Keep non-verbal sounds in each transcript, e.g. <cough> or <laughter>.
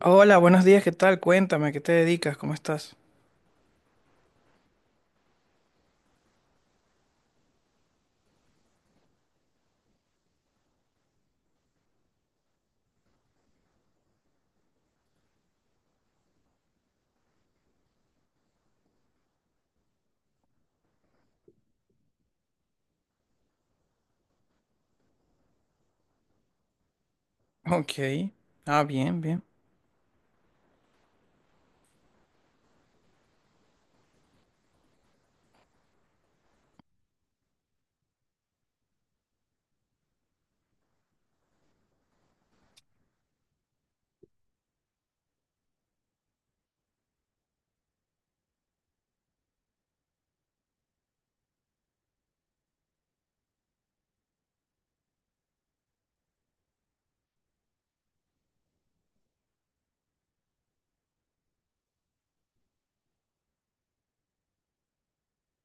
Hola, buenos días, ¿qué tal? Cuéntame, ¿qué te dedicas? ¿Cómo estás? Ok. Ah, bien, bien.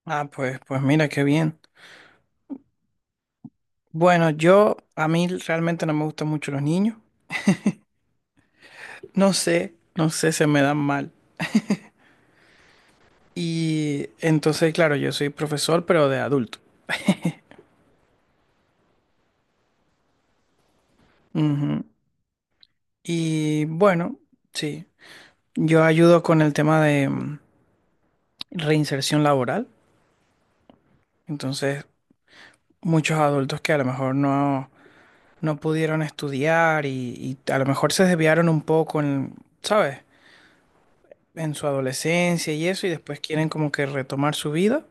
Ah, pues mira, qué bien. Bueno, yo, a mí realmente no me gustan mucho los niños. No sé, no sé, se me dan mal. Y entonces, claro, yo soy profesor, pero de adulto. Ujú. Y bueno, sí, yo ayudo con el tema de reinserción laboral. Entonces, muchos adultos que a lo mejor no... no pudieron estudiar y a lo mejor se desviaron un poco en, ¿sabes? En su adolescencia y eso, y después quieren como que retomar su vida,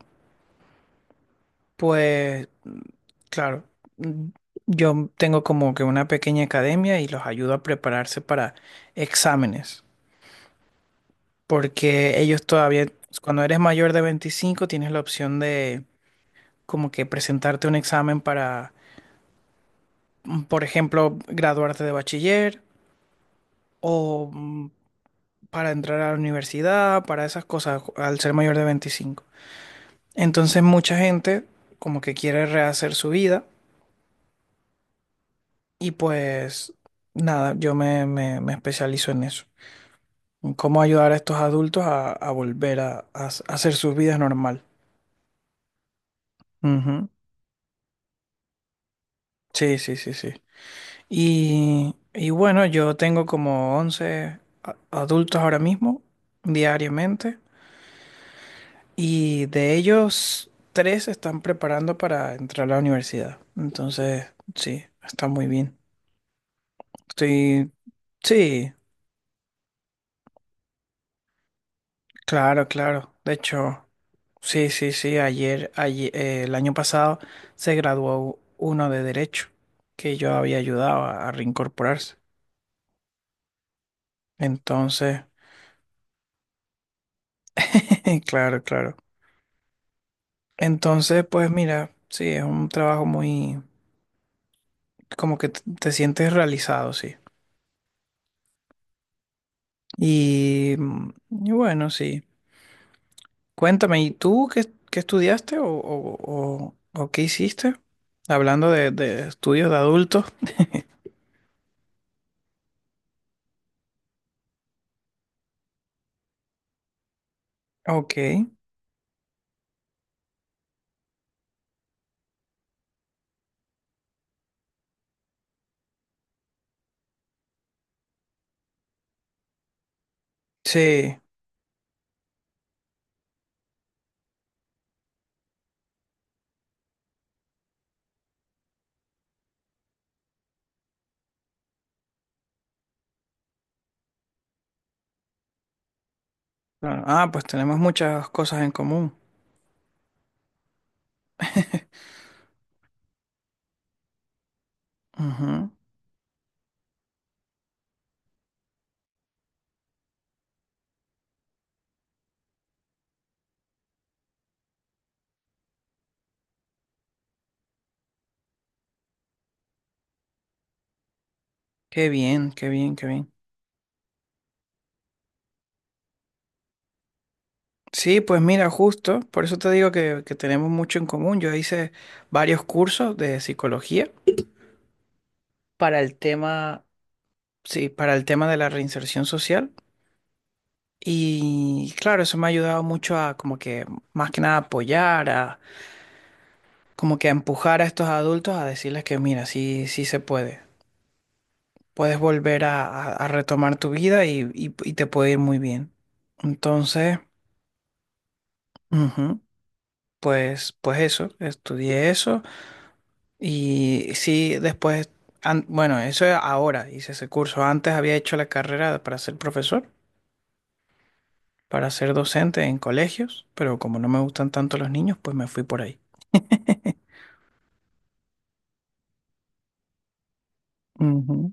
pues claro, mm, yo tengo como que una pequeña academia y los ayudo a prepararse para exámenes, porque ellos todavía, cuando eres mayor de 25 tienes la opción de como que presentarte un examen para, por ejemplo, graduarte de bachiller o para entrar a la universidad, para esas cosas, al ser mayor de 25. Entonces mucha gente como que quiere rehacer su vida y pues nada, yo me, me especializo en eso, en cómo ayudar a estos adultos a, volver a hacer sus vidas normal. Ujú. Sí, sí, sí, sí. Y bueno, yo tengo como 11 adultos ahora mismo, diariamente. Y de ellos, tres se están preparando para entrar a la universidad. Entonces, sí, está muy bien. Estoy, sí, claro, claro. De hecho, sí, sí, sí. El año pasado se graduó uno de Derecho que yo había ayudado a reincorporarse. Entonces, <laughs> claro, claro. Entonces, pues mira, sí, es un trabajo muy, como que te sientes realizado, sí. Y, mm, y bueno, sí. Cuéntame, ¿y tú qué, qué estudiaste o qué hiciste? Hablando de estudios de adultos. Ok, sí. Bueno, ah, pues tenemos muchas cosas en común. <laughs> Ujú. Qué bien, qué bien, qué bien. Sí, pues mira, justo, por eso te digo que tenemos mucho en común. Yo hice varios cursos de psicología para el tema, sí, para el tema de la reinserción social. Y claro, eso me ha ayudado mucho a como que más que nada apoyar, a como que a empujar a estos adultos a decirles que mira, sí, sí se puede. Puedes volver a, a retomar tu vida y te puede ir muy bien. Entonces, ujú, pues, pues eso, estudié eso y sí, después, bueno, eso ahora hice ese curso. Antes había hecho la carrera para ser profesor, para ser docente en colegios, pero como no me gustan tanto los niños, pues me fui por ahí. Ujú.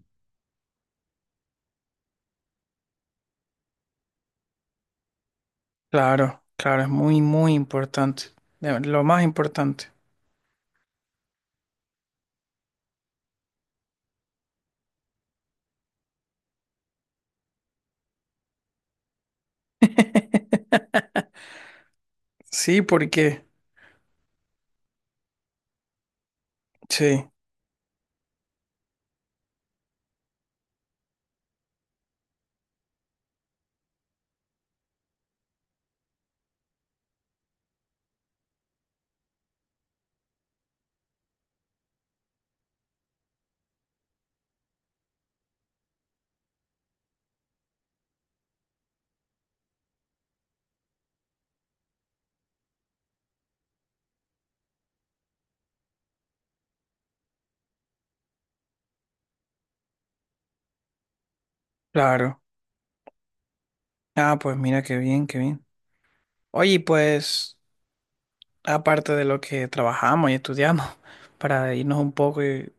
Claro, claro, es muy, muy importante, lo más importante. <laughs> Sí, porque sí, claro. Ah, pues mira qué bien, qué bien. Oye, y pues aparte de lo que trabajamos y estudiamos, <laughs> para irnos un poco y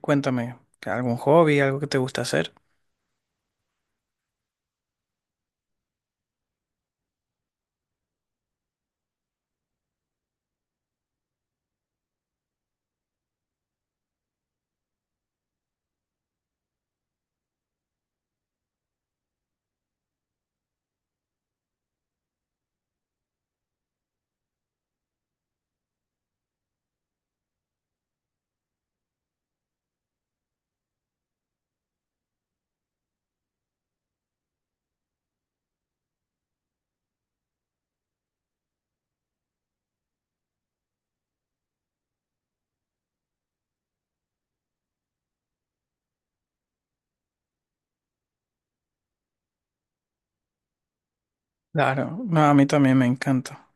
cuéntame, ¿algún hobby, algo que te gusta hacer? Claro, no, a mí también me encanta.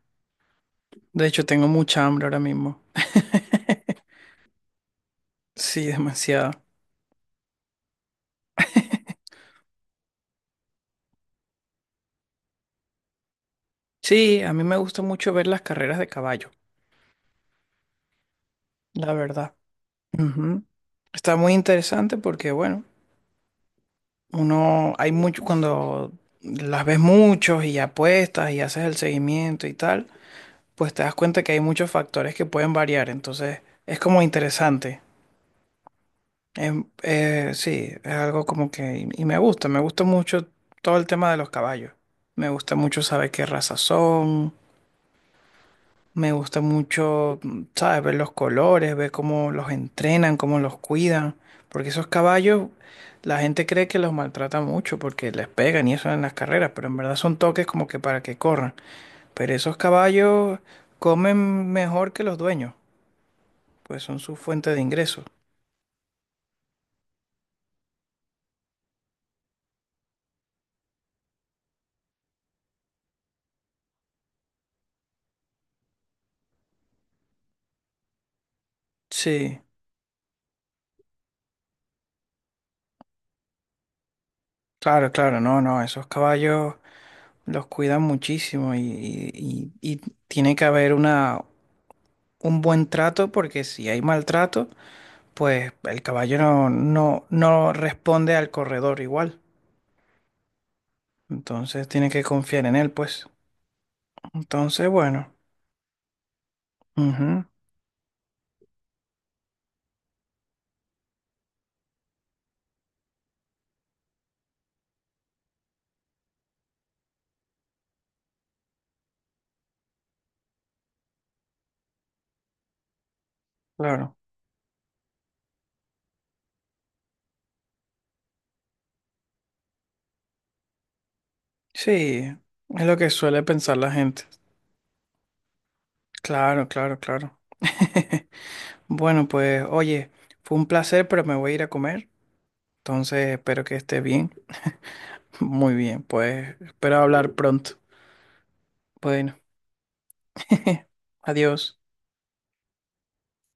De hecho, tengo mucha hambre ahora mismo. <laughs> Sí, demasiado. Sí, a mí me gusta mucho ver las carreras de caballo, la verdad. Ujú. Está muy interesante porque, bueno, uno, hay mucho, cuando las ves muchos y apuestas y haces el seguimiento y tal, pues te das cuenta que hay muchos factores que pueden variar. Entonces, es como interesante. Sí, es algo como que, y me gusta mucho todo el tema de los caballos. Me gusta mucho saber qué raza son. Me gusta mucho, ¿sabes? Ver los colores, ver cómo los entrenan, cómo los cuidan. Porque esos caballos, la gente cree que los maltrata mucho porque les pegan y eso en las carreras, pero en verdad son toques como que para que corran. Pero esos caballos comen mejor que los dueños, pues son su fuente de ingresos. Sí, claro, claro, no, no, esos caballos los cuidan muchísimo y tiene que haber una, un buen trato porque si hay maltrato pues el caballo no, no, no responde al corredor igual. Entonces tiene que confiar en él, pues. Entonces, bueno, ujú, claro. Sí, es lo que suele pensar la gente. Claro, claro, claro. <laughs> Bueno, pues oye, fue un placer, pero me voy a ir a comer. Entonces, espero que esté bien. <laughs> Muy bien, pues espero hablar pronto. Bueno, <laughs> adiós.